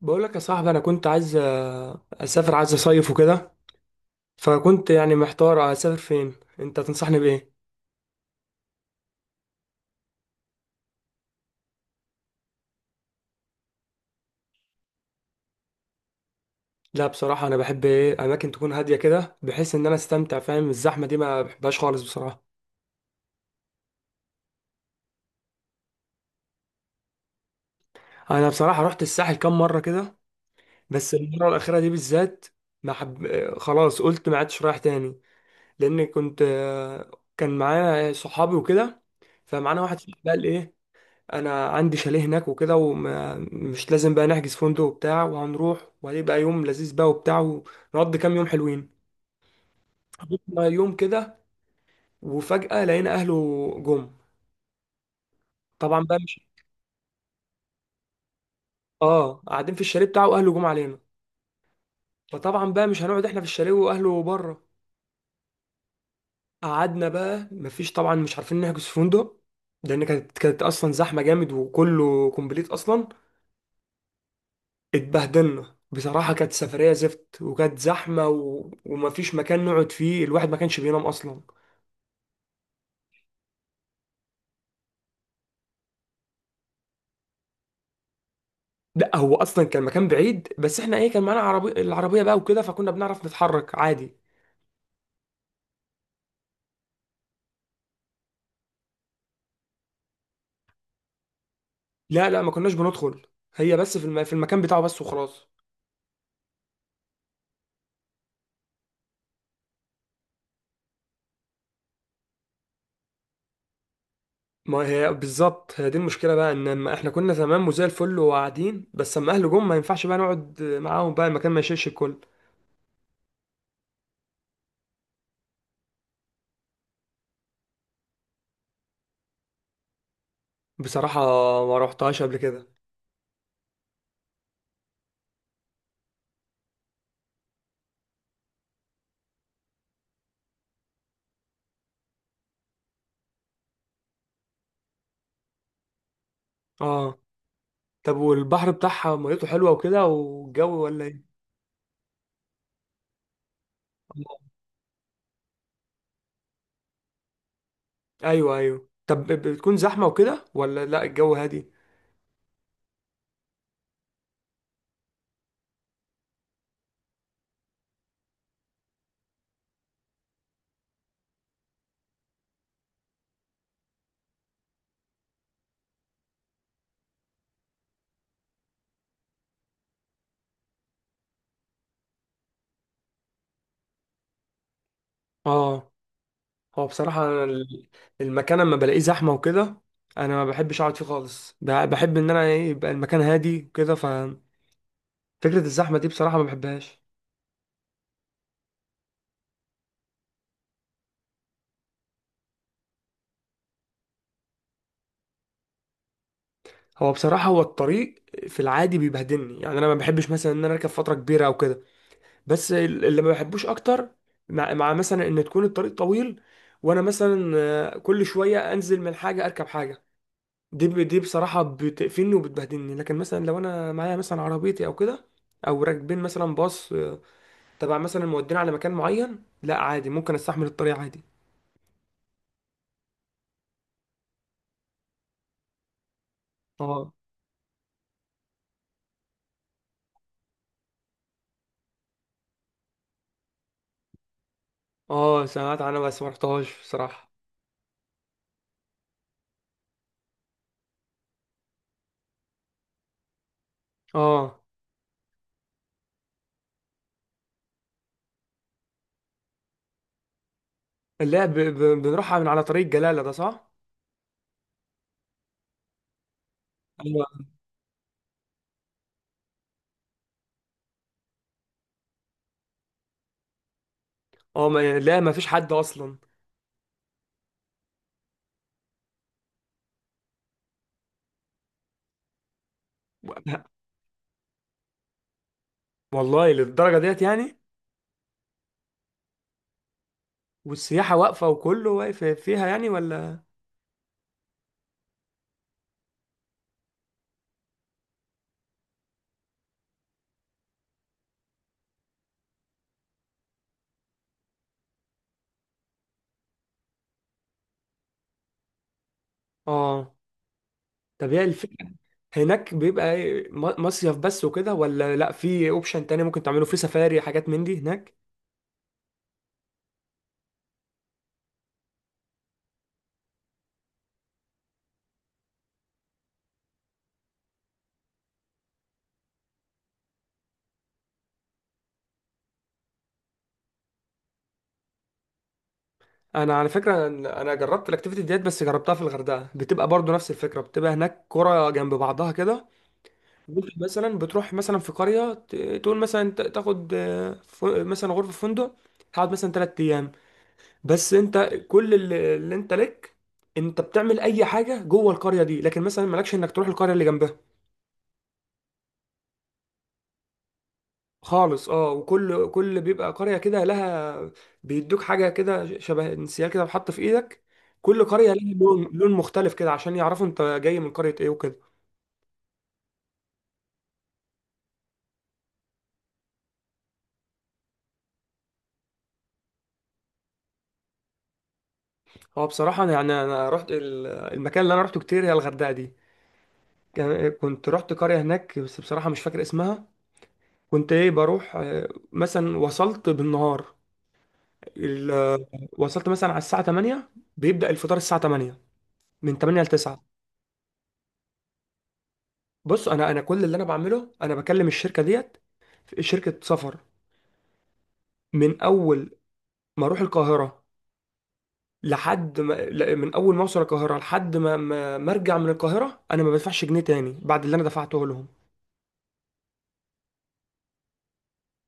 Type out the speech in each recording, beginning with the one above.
بقول لك يا صاحبي، انا كنت عايز اسافر، عايز اصيف وكده. فكنت يعني محتار اسافر فين. انت تنصحني بايه؟ لا بصراحه انا بحب ايه اماكن تكون هاديه كده، بحيث ان انا استمتع، فاهم. الزحمه دي ما بحبهاش خالص بصراحه. انا بصراحه رحت الساحل كام مره كده، بس المره الاخيره دي بالذات. ما حب... آه، خلاص قلت ما عدتش رايح تاني. لان كنت آه، كان معايا صحابي وكده. فمعانا واحد صاحبي قال ايه، انا عندي شاليه هناك وكده، ومش لازم بقى نحجز فندق وبتاع، وهنروح وهيبقى يوم لذيذ بقى وبتاع، ونقضي كام يوم حلوين. قضينا يوم كده، وفجأة لقينا اهله جم. طبعا بقى مش... اه، قاعدين في الشاليه بتاعه واهله جم علينا. فطبعا بقى مش هنقعد احنا في الشاليه واهله بره. قعدنا بقى، مفيش طبعا، مش عارفين نحجز فندق، لان كانت اصلا زحمه جامد وكله كومبليت اصلا. اتبهدلنا بصراحة، كانت سفرية زفت، وكانت زحمة ومفيش مكان نقعد فيه، الواحد ما كانش بينام أصلا. لا هو أصلا كان مكان بعيد، بس احنا ايه كان معانا العربية بقى وكده، فكنا بنعرف نتحرك عادي. لا، لا، ما كناش بندخل. هي بس في المكان بتاعه بس وخلاص. ما هي بالظبط هي دي المشكلة بقى، ان لما احنا كنا تمام وزي الفل وقاعدين بس، اما اهله جم ما ينفعش بقى نقعد معاهم، بقى المكان ما يشيلش الكل. بصراحة، ما روحتهاش قبل كده. اه، طب والبحر بتاعها ميته حلوة وكده، والجو ولا ايه؟ ايوه، ايوه، طب بتكون زحمه وكده، ولا لا الجو هادي؟ اه. هو بصراحه أنا المكان اما بلاقيه زحمه وكده، انا ما بحبش اقعد فيه خالص، بحب ان انا إيه يبقى المكان هادي وكده، ففكره الزحمه دي بصراحه ما بحبهاش. هو بصراحه، هو الطريق في العادي بيبهدلني يعني، انا ما بحبش مثلا ان انا اركب فتره كبيره او كده. بس اللي ما بحبوش اكتر، مع مثلا ان تكون الطريق طويل، وانا مثلا كل شويه انزل من حاجه اركب حاجه، دي بصراحة بتقفلني وبتبهدلني. لكن مثلا لو أنا معايا مثلا عربيتي أو كده، أو راكبين مثلا باص، تبع مثلا مودينا على مكان معين، لا عادي ممكن أستحمل الطريق عادي. اه. اه، سمعت عنها بس ما رحتهاش بصراحة. اه. لا بنروح من على طريق جلالة ده صح؟ ايوه. اه، ما... لا ما فيش حد أصلا. و- والله للدرجة ديت يعني. والسياحة واقفة وكله واقف فيها يعني ولا؟ اه. طب هي الفكرة هناك بيبقى إيه، مصيف بس وكده، ولا لا في اوبشن تاني ممكن تعمله، في سفاري حاجات من دي هناك؟ انا على فكره، انا جربت الاكتيفيتي ديت بس جربتها في الغردقه، بتبقى برضو نفس الفكره، بتبقى هناك قرى جنب بعضها كده. ممكن مثلا بتروح مثلا في قريه، تقول مثلا تاخد مثلا غرفه في فندق، تقعد مثلا 3 ايام، بس انت كل اللي انت لك، انت بتعمل اي حاجه جوه القريه دي، لكن مثلا مالكش انك تروح القريه اللي جنبها خالص. اه، وكل بيبقى قرية كده لها، بيدوك حاجة كده شبه انسيال كده بتحط في ايدك، كل قرية لها لون لون مختلف كده، عشان يعرفوا انت جاي من قرية ايه وكده. هو بصراحة انا يعني انا رحت المكان اللي انا رحته كتير هي الغردقة دي. كنت رحت قرية هناك، بس بصراحة مش فاكر اسمها. كنت ايه بروح، مثلا وصلت بالنهار، ال- آه، وصلت مثلا على الساعة 8. بيبدأ الفطار الساعة 8، من 8 ل 9. بص، انا كل اللي انا بعمله انا بكلم الشركة ديت، شركة سفر. من اول ما اروح القاهره لحد ما، لا، من اول ما اوصل القاهره لحد ما ارجع من القاهره، انا ما بدفعش جنيه تاني بعد اللي انا دفعته لهم.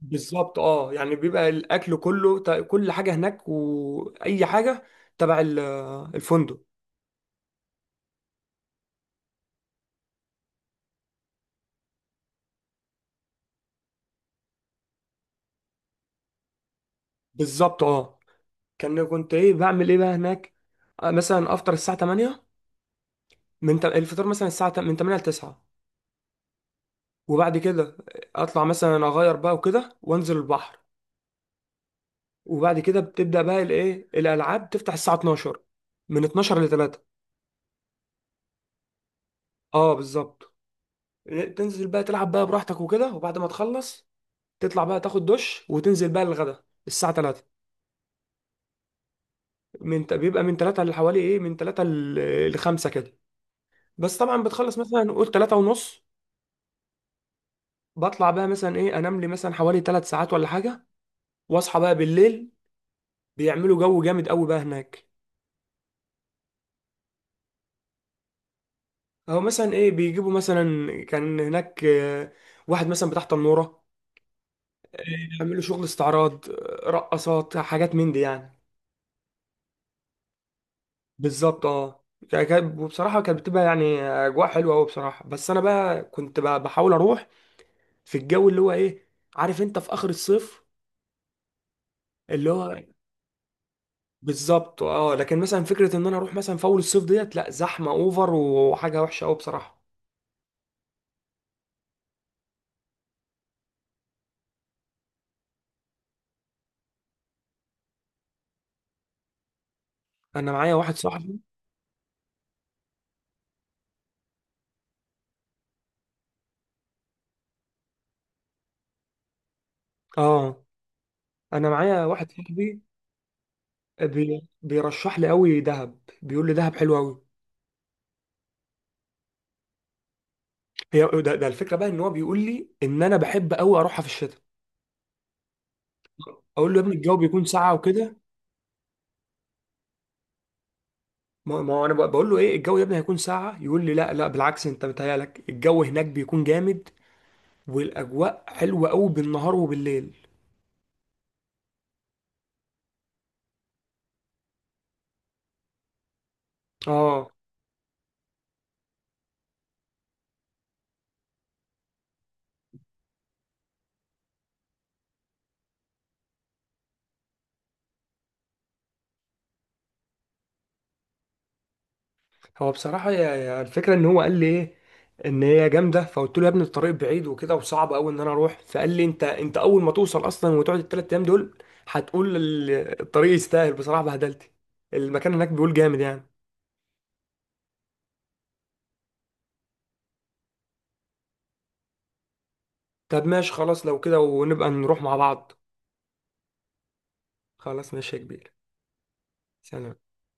بالظبط، اه، يعني بيبقى الاكل كله، كل حاجه هناك واي حاجه تبع الفندق. بالظبط، اه. كنت ايه بعمل ايه بقى هناك؟ مثلا افطر الساعه 8، الفطار مثلا الساعه من 8 ل 9، وبعد كده اطلع مثلا اغير بقى وكده وانزل البحر. وبعد كده بتبدأ بقى الايه الالعاب تفتح الساعة 12، من 12 ل 3. اه، بالظبط. تنزل بقى تلعب بقى براحتك وكده، وبعد ما تخلص تطلع بقى تاخد دش، وتنزل بقى للغدا الساعة 3. بيبقى من 3 لحوالي ايه من 3 ل 5 كده، بس طبعا بتخلص مثلا نقول 3 ونص. بطلع بقى مثلا ايه انام لي مثلا حوالي 3 ساعات ولا حاجة، واصحى بقى بالليل. بيعملوا جو جامد قوي بقى هناك. او مثلا ايه بيجيبوا مثلا، كان هناك واحد مثلا بتاع تنورة، عملوا شغل استعراض، رقصات حاجات من دي يعني. بالظبط، اه. وبصراحة كانت بتبقى يعني أجواء حلوة أوي بصراحة، بس أنا بقى كنت بقى بحاول أروح في الجو اللي هو إيه، عارف أنت، في آخر الصيف، اللي هو... بالظبط، اه. لكن مثلا فكرة إن أنا أروح مثلا في أول الصيف ديت، لأ زحمة أوفر وحاجة وحشة أوي بصراحة. أنا معايا واحد صاحبي. اه. أنا معايا واحد صاحبي بيرشح لي أوي دهب، بيقول لي دهب حلوة أوي. هي ده الفكرة بقى، إن هو بيقول لي إن أنا بحب أوي أروحها في الشتاء. اقول له يا ابني الجو بيكون ساقعه وكده. ما هو انا بقول له ايه الجو يا ابني هيكون ساقعه، يقول لي لا، لا، بالعكس، انت متهيألك الجو هناك بيكون جامد، والاجواء حلوه قوي بالنهار وبالليل. اه. هو بصراحه يا الفكره ان هو قال لي ايه، ان هي جامده، فقلت له يا ابني الطريق بعيد وكده وصعب قوي ان انا اروح، فقال لي انت اول ما توصل اصلا وتقعد ال3 ايام دول، هتقول الطريق يستاهل بصراحه بهدلتي. المكان هناك بيقول جامد يعني. طب ماشي، خلاص لو كده ونبقى نروح مع بعض. خلاص ماشي يا كبير. سلام.